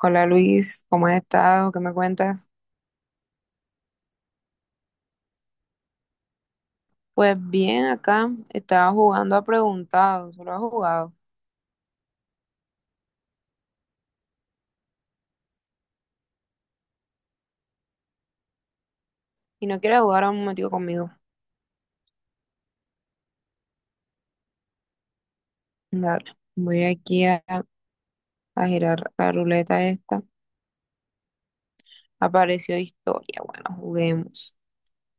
Hola Luis, ¿cómo has estado? ¿Qué me cuentas? Pues bien, acá estaba jugando a preguntado, solo ha jugado. Y no quiere jugar a un momentico conmigo. Dale, voy aquí a girar la ruleta esta. Apareció historia, bueno, juguemos.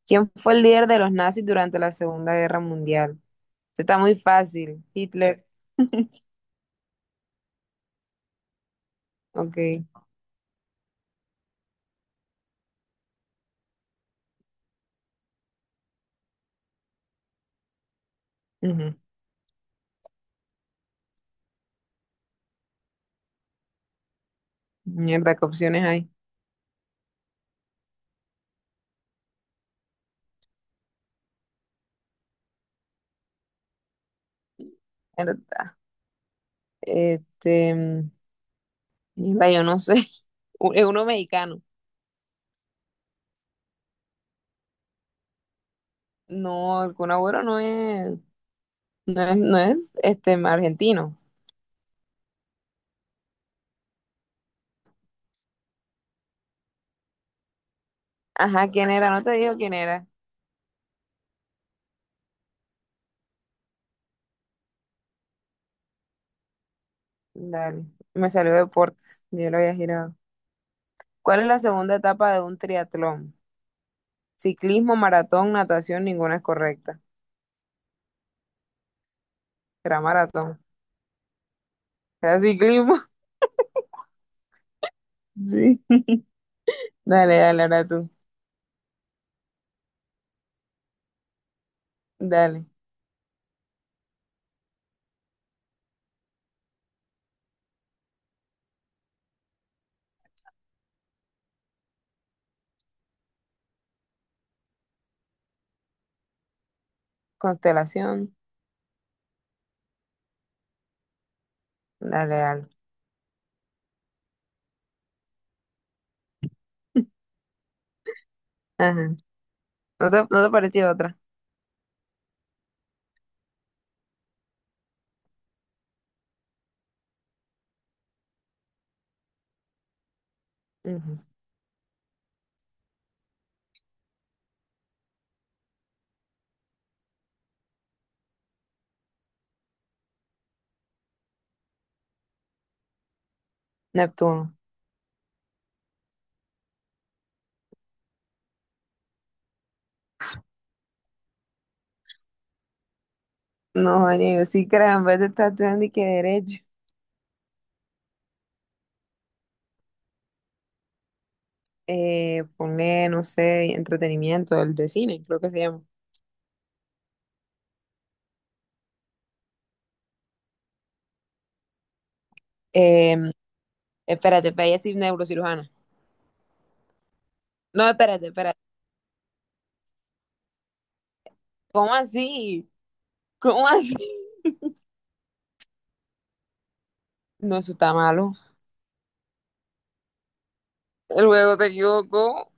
¿Quién fue el líder de los nazis durante la Segunda Guerra Mundial? Este está muy fácil, Hitler. Ok. Ujú. Mierda, ¿qué opciones hay? Mierda. Este, mierda, yo no sé. Es uno mexicano. No, el Kun Agüero no es, no es este argentino. Ajá, ¿quién era? No te digo quién era. Dale, me salió deportes, yo lo había girado. ¿Cuál es la segunda etapa de un triatlón? Ciclismo, maratón, natación, ninguna es correcta. Era maratón. Era ciclismo. Sí. Dale, dale, ahora tú. Dale. Constelación. Dale, dale. Ajá. ¿No te pareció otra? Ujú. Neptuno. No, amigo, sí, caramba, te estás estudiando y que derecho. Ponle, no sé, entretenimiento, el de cine, creo que se llama. Eh, Espérate, pero ella es neurocirujana. No, espérate, espérate. ¿Cómo así? ¿Cómo así? No, eso está malo. Luego se equivocó.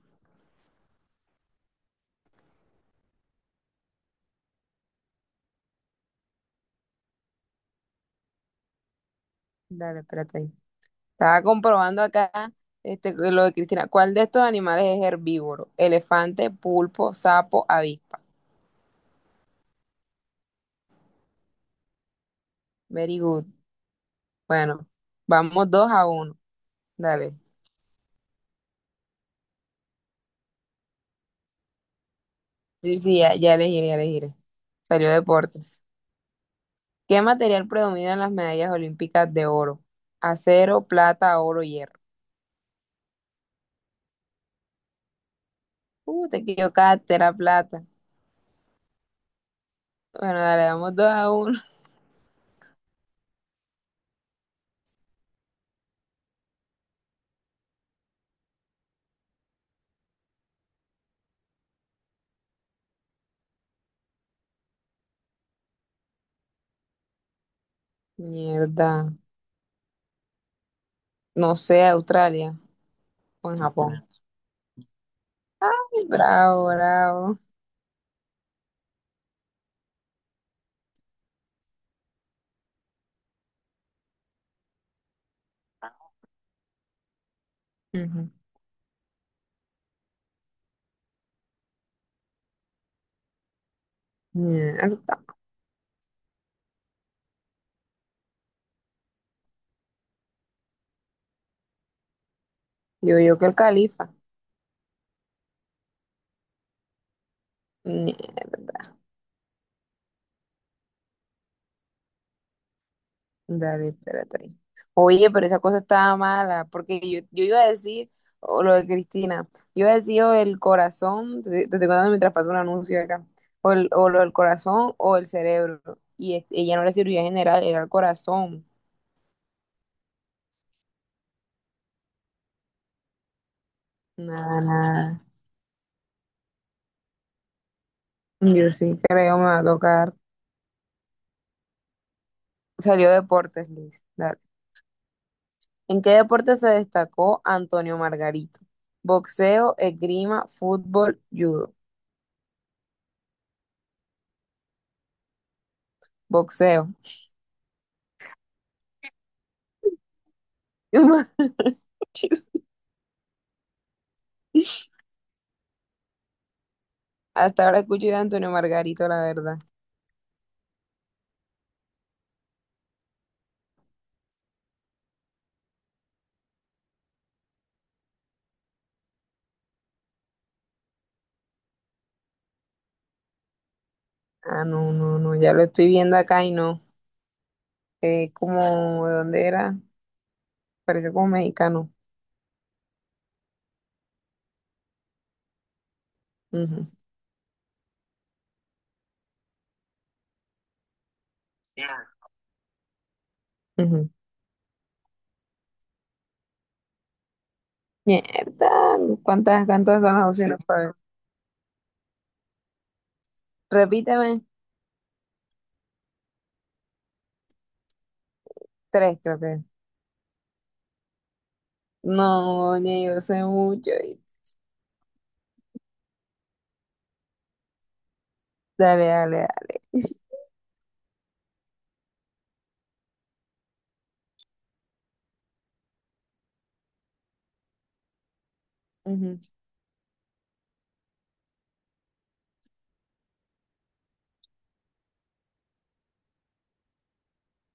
Dale, espérate ahí. Estaba comprobando acá este, lo de Cristina. ¿Cuál de estos animales es herbívoro? Elefante, pulpo, sapo, avispa. Very good. Bueno, vamos 2-1. Dale. Sí, sí, ya, ya elegiré, ya elegiré. Salió deportes. ¿Qué material predomina en las medallas olímpicas de oro? Acero, plata, oro, hierro. Te equivocaste, era plata. Bueno, dale, damos 2-1. Mierda. No sé, Australia o en Japón. Bravo, bravo. Ujú. Mierda. Yo que el califa. Mierda. Dale, espérate ahí. Oye, pero esa cosa estaba mala, porque yo iba a decir, o lo de Cristina, yo iba a decir o el corazón, te estoy contando mientras pasó un anuncio acá, o, o lo del corazón o el cerebro, y ella no era cirugía general, era el corazón. Nada, nada. Yo sí creo me va a tocar. Salió deportes, Luis. Dale. ¿En qué deporte se destacó Antonio Margarito? Boxeo, esgrima, fútbol, judo. Boxeo. Manches. Hasta ahora escucho de Antonio Margarito, la verdad. Ah, no, no, no, ya lo estoy viendo acá y no. Como, ¿de dónde era? Parece como mexicano. Ujú, ujú. Mierda, ¿cuántas son las opciones para ver? Repíteme, tres creo que. Es. No, ni yo sé mucho. Y- Dale, dale, dale. Ujú.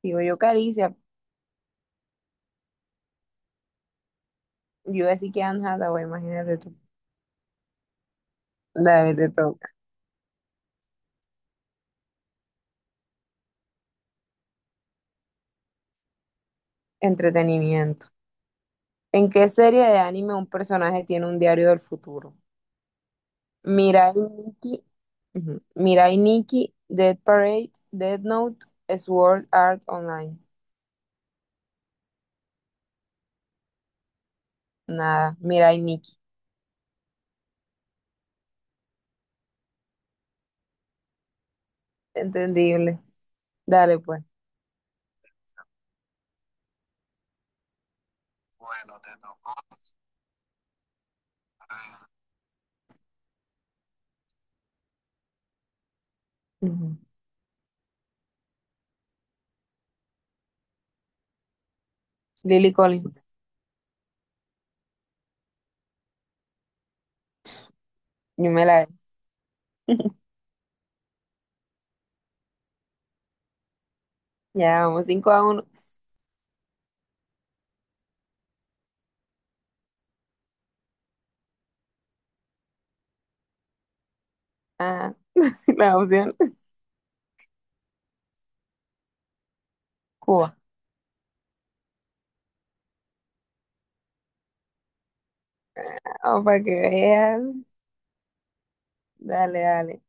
Digo yo Caricia, yo así que Anne Hathaway, imagínate tú. Dale, te toca. Entretenimiento. ¿En qué serie de anime un personaje tiene un diario del futuro? Mirai Nikki, ujú, Mirai Nikki, Dead Parade, Dead Note, Sword Art Online. Nada, Mirai Nikki. Entendible. Dale, pues. Ujú. Lily Collins, yo me la. Ya vamos 5-1. Ah, la opción Cuba. Ah, para que veas. Dale, dale.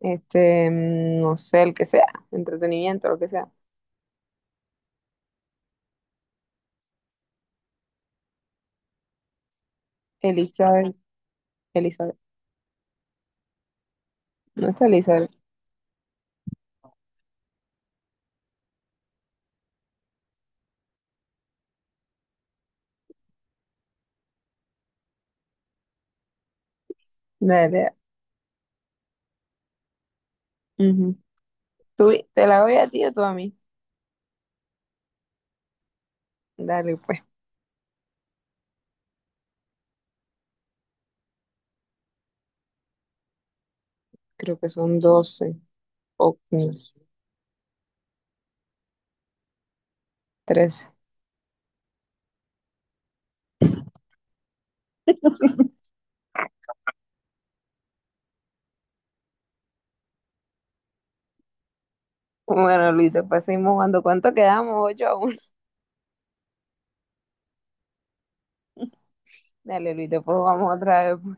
Este, no sé, el que sea. Entretenimiento, lo que sea. Elizabeth, Elizabeth. No está Elizabeth. Dale, dale. Ujú. ¿Tú, te la voy a ti o tú a mí? Dale, pues. Creo que son 12, o 13. Bueno, Luis, después seguimos jugando. ¿Cuánto quedamos? 8-1. Dale, Luis, después jugamos otra vez.